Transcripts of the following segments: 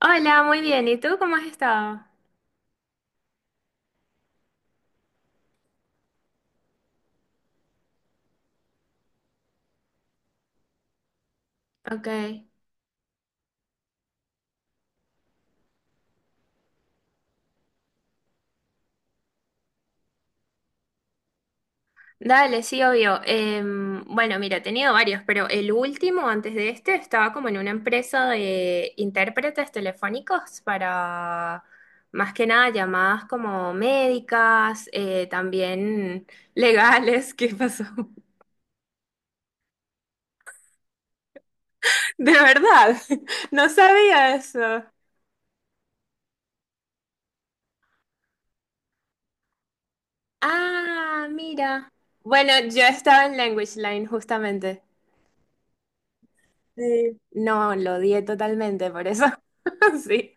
Hola, muy bien. ¿Y tú cómo has estado? Ok. Dale, sí, obvio. Bueno, mira, he tenido varios, pero el último, antes de este, estaba como en una empresa de intérpretes telefónicos para más que nada llamadas como médicas, también legales. ¿Qué pasó? De verdad, no sabía eso. Ah, mira. Bueno, yo estaba en Language Line justamente. Sí. No, lo odié totalmente, por eso. Sí.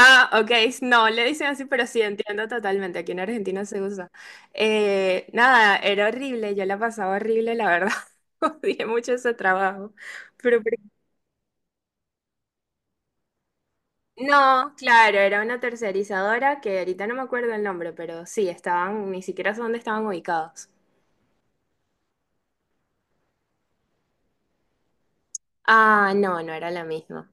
Ah, ok, no, le dicen así, pero sí, entiendo totalmente. Aquí en Argentina se usa. Nada, era horrible, yo la pasaba horrible, la verdad. Odié mucho ese trabajo. Pero, por- no, claro, era una tercerizadora que ahorita no me acuerdo el nombre, pero sí, estaban, ni siquiera sé dónde estaban ubicados. Ah, no, no era la misma.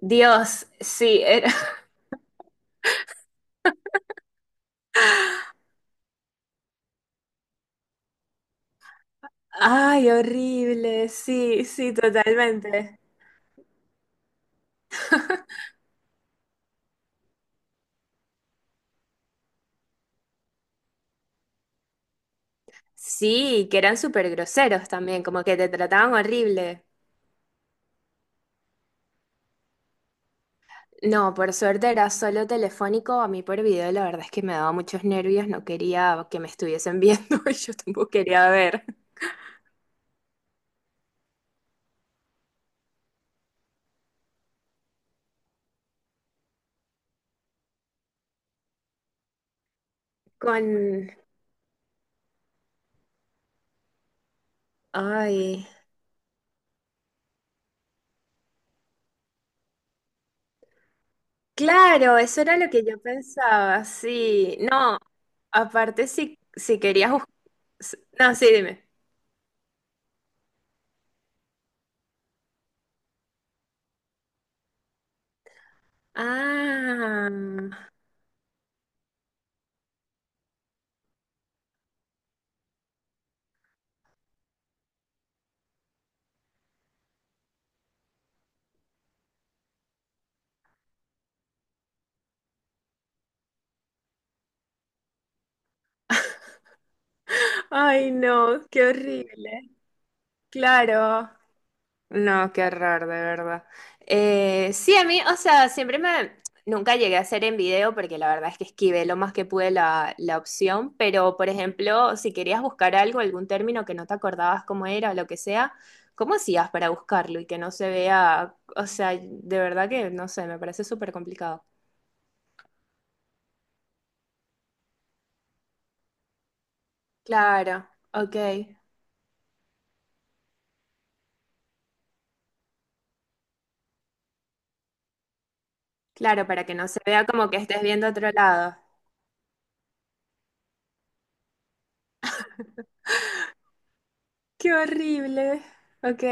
Dios, sí, era. Ay, horrible, sí, sí, totalmente. Sí, que eran súper groseros también, como que te trataban horrible. No, por suerte era solo telefónico, a mí por video la verdad es que me daba muchos nervios, no quería que me estuviesen viendo y yo tampoco quería ver. Con... Ay, claro, eso era lo que yo pensaba, sí. No, aparte si, si querías buscar... No, sí, dime. Ah, ay, no, qué horrible. Claro. No, qué raro, de verdad. Sí, a mí, o sea, siempre me... Nunca llegué a hacer en video porque la verdad es que esquivé lo más que pude la, la opción, pero por ejemplo, si querías buscar algo, algún término que no te acordabas cómo era o lo que sea, ¿cómo hacías para buscarlo y que no se vea? O sea, de verdad que no sé, me parece súper complicado. Claro, ok. Claro, para que no se vea como que estés viendo otro lado. Qué horrible. Ok.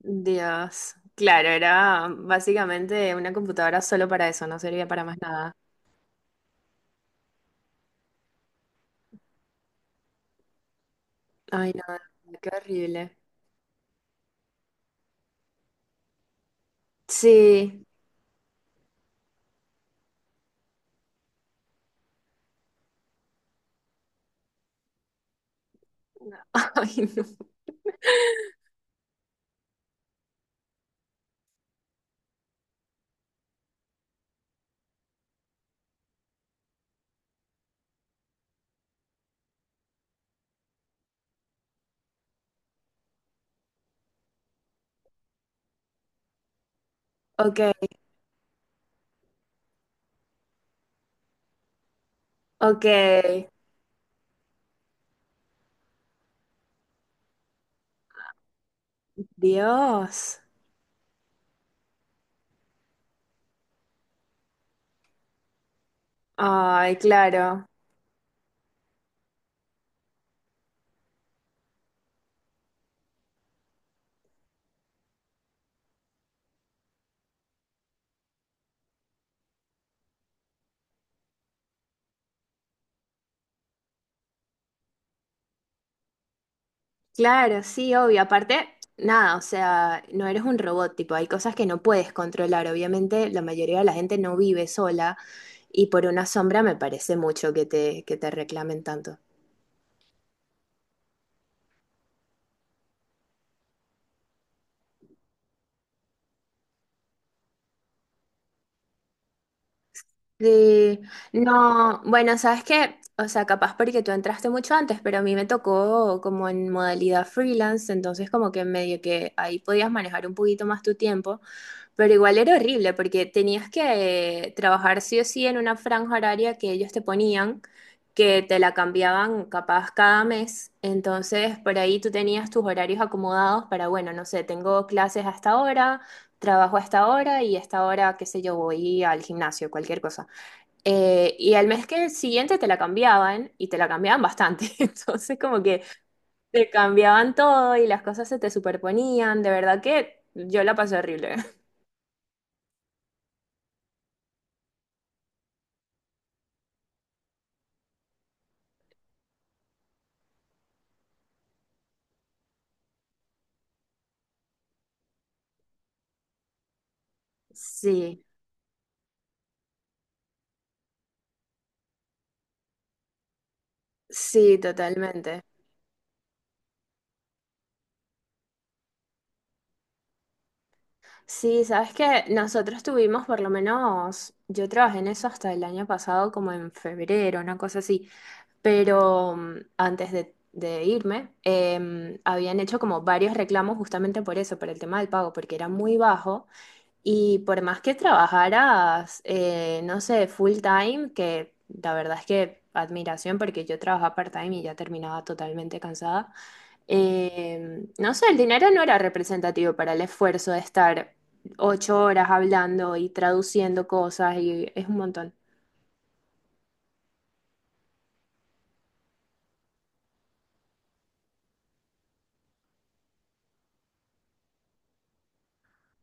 Dios. Claro, era básicamente una computadora solo para eso, no servía para más nada. Ay, no, qué horrible. Sí. No, ay, no. Ok, ok. Dios. Ay, claro. Claro, sí, obvio. Aparte, nada, o sea, no eres un robot, tipo, hay cosas que no puedes controlar. Obviamente, la mayoría de la gente no vive sola y por una sombra me parece mucho que te reclamen tanto. Sí, no, bueno, sabes que, o sea, capaz porque tú entraste mucho antes, pero a mí me tocó como en modalidad freelance, entonces como que medio que ahí podías manejar un poquito más tu tiempo, pero igual era horrible porque tenías que trabajar sí o sí en una franja horaria que ellos te ponían, que te la cambiaban capaz cada mes, entonces por ahí tú tenías tus horarios acomodados para, bueno, no sé, tengo clases hasta ahora, trabajo hasta ahora y hasta ahora, qué sé yo, voy al gimnasio, cualquier cosa. Y al mes que siguiente te la cambiaban y te la cambiaban bastante. Entonces como que te cambiaban todo y las cosas se te superponían. De verdad que yo la pasé horrible. Sí, sí, totalmente. Sí, sabes que nosotros tuvimos por lo menos, yo trabajé en eso hasta el año pasado, como en febrero, una cosa así, pero antes de irme, habían hecho como varios reclamos justamente por eso, por el tema del pago, porque era muy bajo. Y por más que trabajaras, no sé, full time, que la verdad es que admiración porque yo trabajaba part-time y ya terminaba totalmente cansada, no sé, el dinero no era representativo para el esfuerzo de estar 8 horas hablando y traduciendo cosas y es un montón.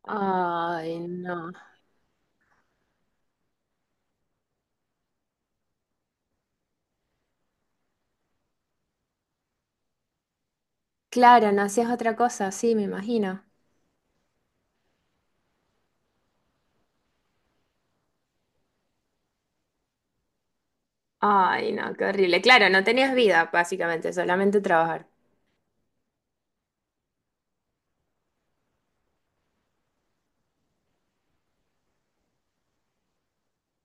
Ay, no. Claro, no hacías otra cosa, sí, me imagino. Ay, no, qué horrible. Claro, no tenías vida, básicamente, solamente trabajar.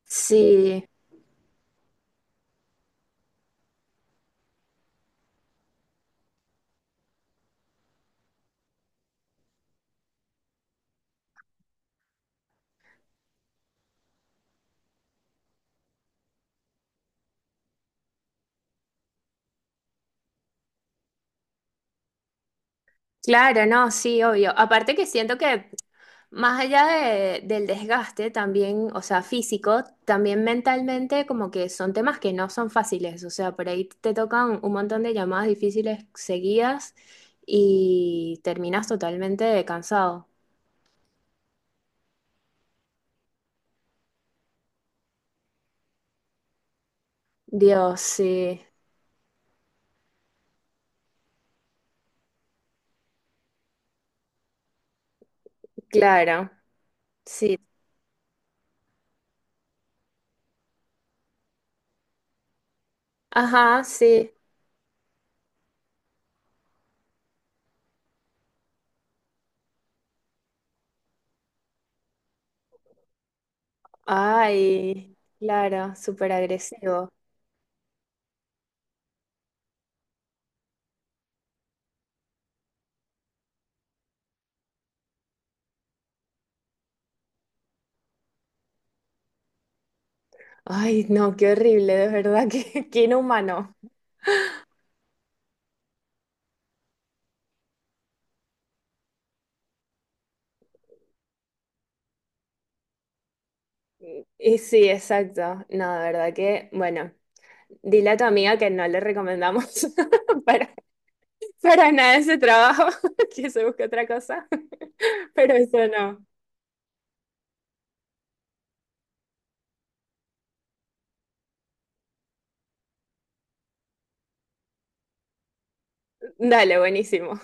Sí. Claro, no, sí, obvio. Aparte que siento que más allá de- del desgaste también, o sea, físico, también mentalmente como que son temas que no son fáciles, o sea, por ahí te tocan un montón de llamadas difíciles seguidas y terminas totalmente cansado. Dios, sí, claro, sí. Ajá, sí. Ay, claro, súper agresivo. Ay, no, qué horrible, de verdad, que qué qué inhumano. Y sí, exacto. No, de verdad que, bueno, dile a tu amiga que no le recomendamos para, para nada ese trabajo, que se busque otra cosa, pero eso no. Dale, buenísimo.